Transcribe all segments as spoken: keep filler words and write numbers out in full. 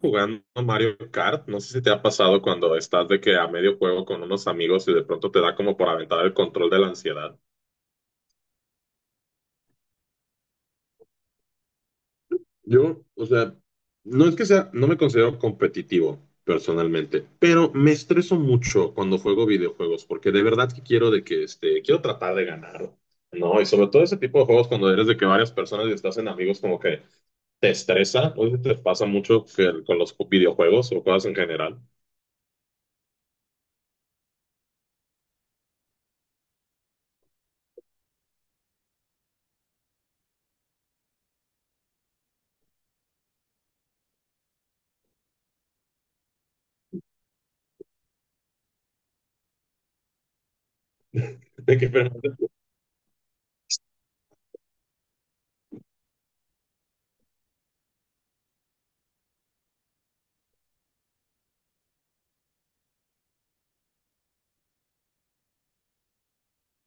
Jugando Mario Kart. No sé si te ha pasado cuando estás de que a medio juego con unos amigos y de pronto te da como por aventar el control de la ansiedad. Yo, o sea, no es que sea, no me considero competitivo personalmente, pero me estreso mucho cuando juego videojuegos, porque de verdad que quiero de que, este, quiero tratar de ganar. No, y sobre todo ese tipo de juegos cuando eres de que varias personas y estás en amigos como que te estresa, o te pasa mucho que- con los videojuegos o cosas en general. De que, pero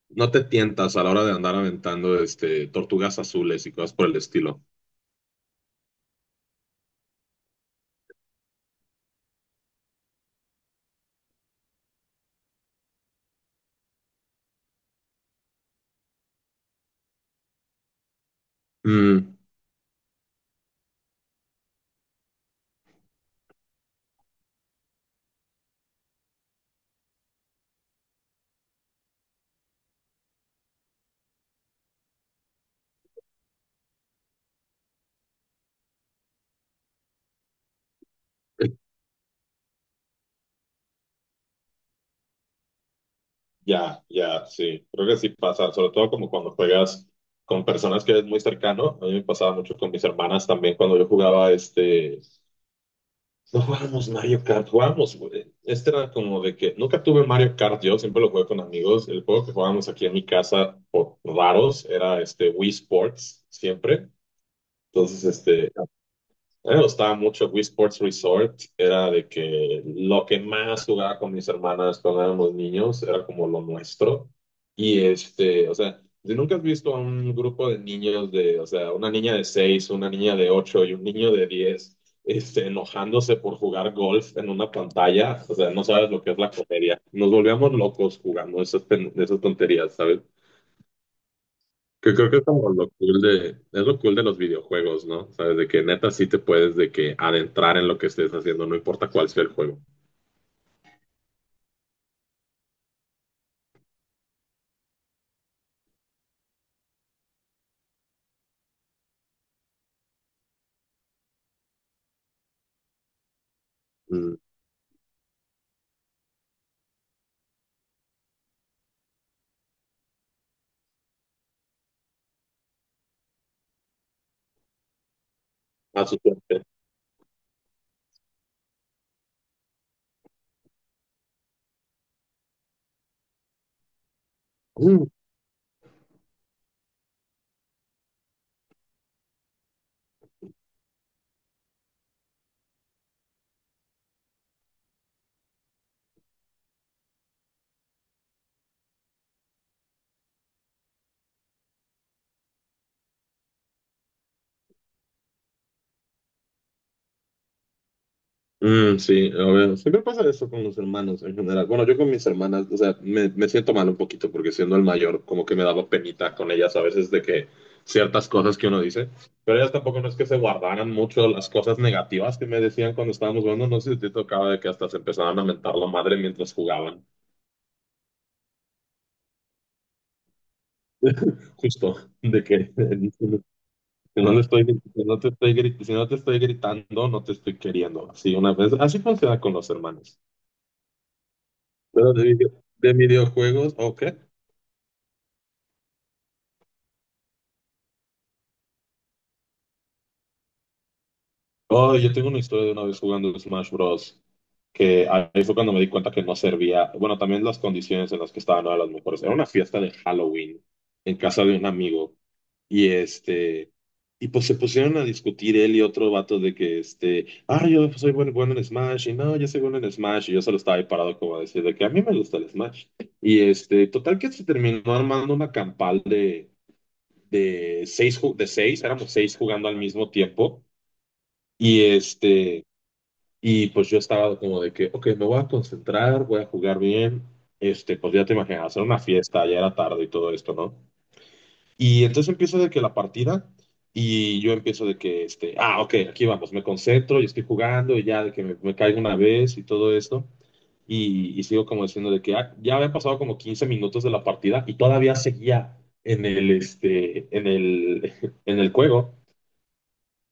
no te tientas a la hora de andar aventando este, tortugas azules y cosas por el estilo. Mm. Ya, ya, sí. Creo que sí pasa, sobre todo como cuando juegas con personas que eres muy cercano. A mí me pasaba mucho con mis hermanas también cuando yo jugaba este... No jugábamos Mario Kart, jugábamos... güey. Este era como de que nunca tuve Mario Kart, yo siempre lo jugué con amigos. El juego que jugábamos aquí en mi casa por raros era este Wii Sports, siempre. Entonces, este, a mí me gustaba mucho Wii Sports Resort. Era de que lo que más jugaba con mis hermanas cuando éramos niños era como lo nuestro. Y este, o sea, si nunca has visto a un grupo de niños de, o sea, una niña de seis, una niña de ocho y un niño de diez este, enojándose por jugar golf en una pantalla, o sea, no sabes lo que es la comedia. Nos volvíamos locos jugando esas, pen- esas tonterías, ¿sabes? Que creo que es como lo cool de, es lo cool de los videojuegos, ¿no? Sabes, de que neta sí te puedes de que adentrar en lo que estés haciendo, no importa cuál sea el juego. Mm. A su suerte. Mm, sí, a ver, siempre pasa eso con los hermanos en general. Bueno, yo con mis hermanas, o sea, me, me siento mal un poquito porque siendo el mayor, como que me daba penita con ellas a veces de que ciertas cosas que uno dice, pero ellas tampoco no es que se guardaran mucho las cosas negativas que me decían cuando estábamos jugando. No sé si te tocaba de que hasta se empezaban a mentar la madre mientras jugaban, justo, de que si no le estoy, si no te estoy, gri- si no te estoy gritando, no te estoy queriendo. Así una vez, así funciona con los hermanos. Pero de, video- de videojuegos, ok. Oh, yo tengo una historia de una vez jugando Smash Bros. Que ahí fue cuando me di cuenta que no servía. Bueno, también las condiciones en las que estaban no eran las mejores. Era una fiesta de Halloween en casa de un amigo, y este y pues se pusieron a discutir él y otro vato de que este, ah, yo soy bueno, bueno en Smash y no, yo soy bueno en Smash y yo solo estaba ahí parado como a decir de que a mí me gusta el Smash. Y este, total que se terminó armando una campal de de seis ju- de seis, éramos seis jugando al mismo tiempo, y este y pues yo estaba como de que, ok, me voy a concentrar, voy a jugar bien. Este, pues ya te imaginas, hacer una fiesta, ya era tarde y todo esto, ¿no? Y entonces empiezo de que la partida, y yo empiezo de que, este, ah, ok, aquí vamos, me concentro y estoy jugando, y ya de que me, me caigo una vez y todo esto. Y, y sigo como diciendo de que ah, ya habían pasado como quince minutos de la partida y todavía seguía en el, este, en el, en el juego,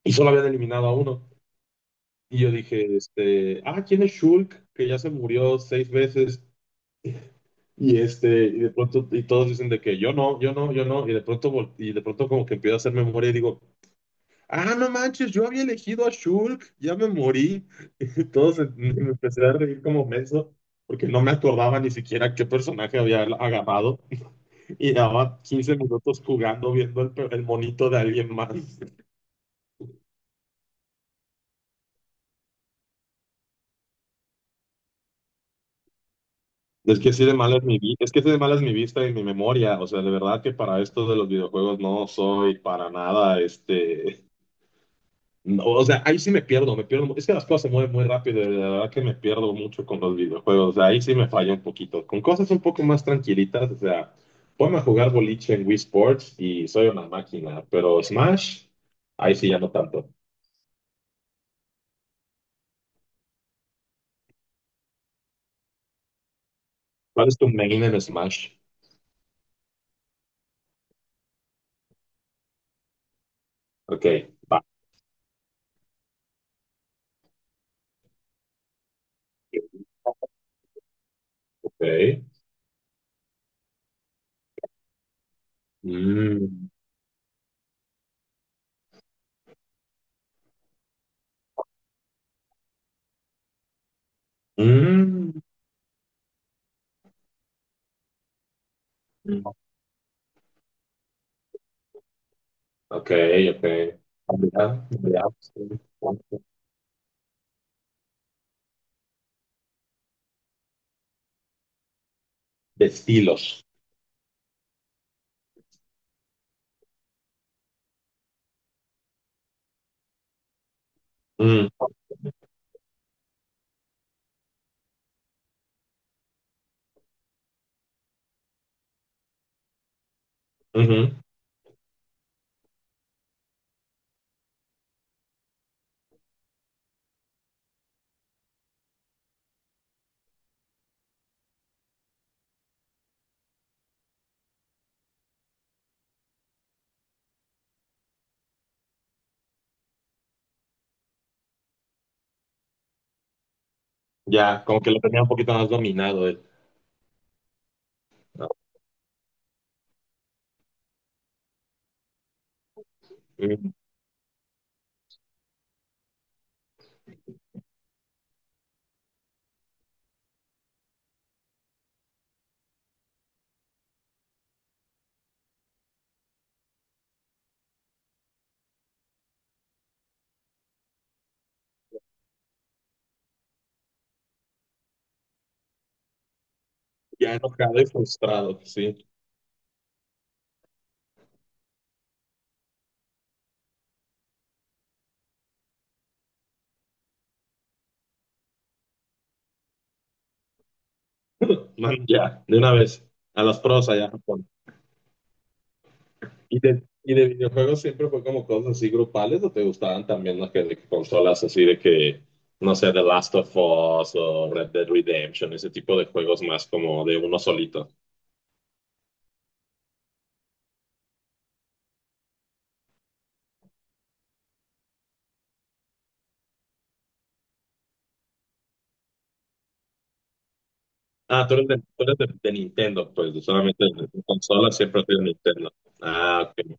y solo habían eliminado a uno. Y yo dije, este, ah, ¿quién es Shulk? Que ya se murió seis veces. Y este, y de pronto, y todos dicen de que yo no, yo no, yo no. Y de pronto, vol- y de pronto como que empiezo a hacer memoria y digo, ah, no manches, yo había elegido a Shulk, ya me morí. Y todos se- me empecé a reír como menso, porque no me acordaba ni siquiera qué personaje había agarrado. Y daba quince minutos jugando, viendo el, pe- el monito de alguien más. Es que sí de mala es mi vi- es que sí de mala es mi vista y mi memoria. O sea, de verdad que para esto de los videojuegos no soy para nada, este, no, o sea, ahí sí me pierdo, me pierdo. mu- Es que las cosas se mueven muy rápido, y de verdad que me pierdo mucho con los videojuegos. O sea, ahí sí me falla un poquito. Con cosas un poco más tranquilitas, o sea, ponme a jugar boliche en Wii Sports y soy una máquina, pero Smash, ahí sí ya no tanto. ¿Cuál es tu main en Smash? Ok, va, ok. Mm. Mm. Mm. Ok, ok. Variedad, variedad, sí. De estilos. Mm. Ujú. Ya, como que lo tenía un poquito más dominado él. ¿No? Mm. Ya enojado y frustrado, sí. Man, ya, de una vez. A las pros allá, a Japón. ¿Y de, y de videojuegos siempre fue como cosas así grupales o te gustaban también las que, de que consolas así de que, no sé, The Last of Us o Red Dead Redemption, ese tipo de juegos más como de uno solito? Ah, tú eres de, tú eres de, de Nintendo, pues, solamente de de consola siempre has sido Nintendo. Ah, ok.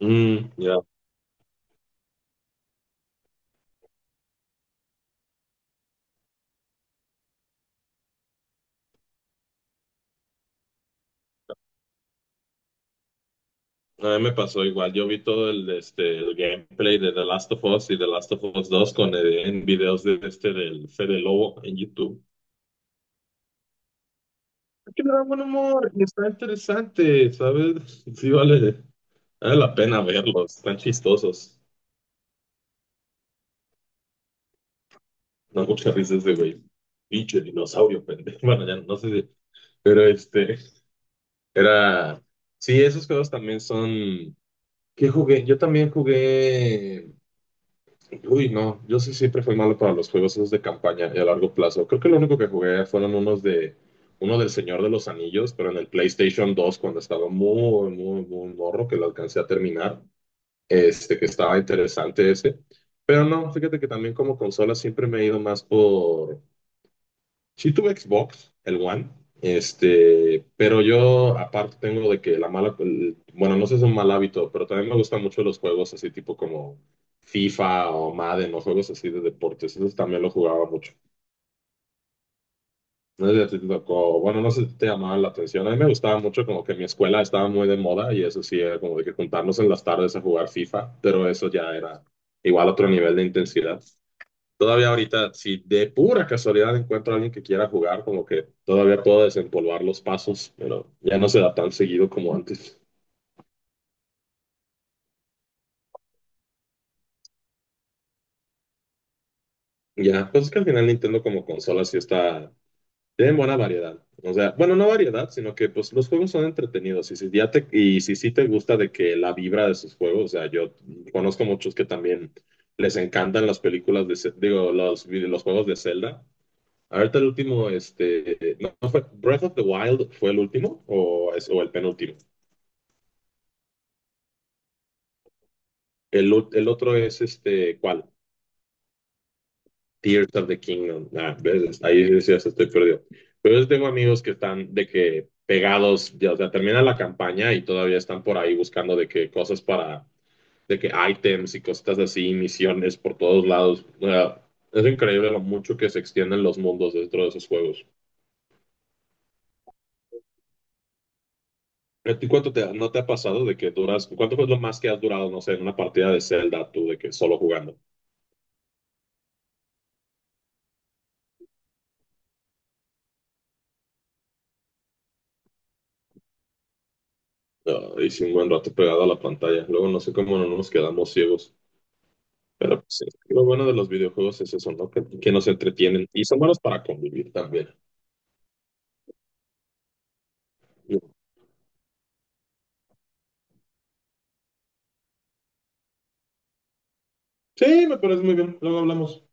Mm, ya. A mí me pasó igual. Yo vi todo el, este, el gameplay de The Last of Us y The Last of Us dos con, eh, en videos de este del Fede Lobo en YouTube. Que me da buen humor y está interesante, ¿sabes? Sí, vale, vale la pena verlos. Están chistosos. No, muchas risas de güey. Pinche dinosaurio, pendejo. Bueno, ya no sé si. Pero este. Era, sí, esos juegos también son, ¿qué jugué? Yo también jugué, uy, no, yo sí siempre fui malo para los juegos esos de campaña y a largo plazo. Creo que lo único que jugué fueron unos de, uno del Señor de los Anillos, pero en el PlayStation dos cuando estaba muy, muy, muy morro que lo alcancé a terminar, este, que estaba interesante ese. Pero no, fíjate que también como consola siempre me he ido más por sí tuve Xbox, el One, este, pero yo aparte tengo de que la mala, el- bueno, no sé si es un mal hábito, pero también me gustan mucho los juegos así tipo como FIFA o Madden o juegos así de deportes, esos también lo jugaba mucho. No sé si a ti te tocó, bueno, no sé si te llamaban la atención, a mí me gustaba mucho como que mi escuela estaba muy de moda y eso sí era como de que juntarnos en las tardes a jugar FIFA, pero eso ya era igual otro nivel de intensidad. Todavía ahorita, si de pura casualidad encuentro a alguien que quiera jugar, como que todavía puedo desempolvar los pasos, pero ya no se da tan seguido como antes. Ya, pues es que al final Nintendo como consola sí está, tiene buena variedad. O sea, bueno, no variedad, sino que pues los juegos son entretenidos. Y si ya te, y si sí te gusta de que la vibra de sus juegos, o sea, yo conozco muchos que también les encantan las películas de, Ce- digo, los, vide- los juegos de Zelda. Ahorita el último, este, no, no fue Breath of the Wild fue el último o, es- o el penúltimo. El, ul- el otro es este, ¿cuál? Tears of the Kingdom. Ah, ves, ahí decías, estoy perdido. Pero yo tengo amigos que están de que pegados, ya, o sea, termina la campaña y todavía están por ahí buscando de que cosas para, de que items y cositas así, misiones por todos lados. O sea, es increíble lo mucho que se extienden los mundos dentro de esos juegos. ¿A ti cuánto te, no te ha pasado de que duras, cuánto fue lo más que has durado, no sé, en una partida de Zelda, tú, de que solo jugando? Ah, hice un buen rato pegado a la pantalla. Luego no sé cómo no nos quedamos ciegos. Pero pues, sí, lo bueno de los videojuegos es eso, ¿no? Que, que nos entretienen y son buenos para convivir también. Sí, me parece muy bien. Luego hablamos.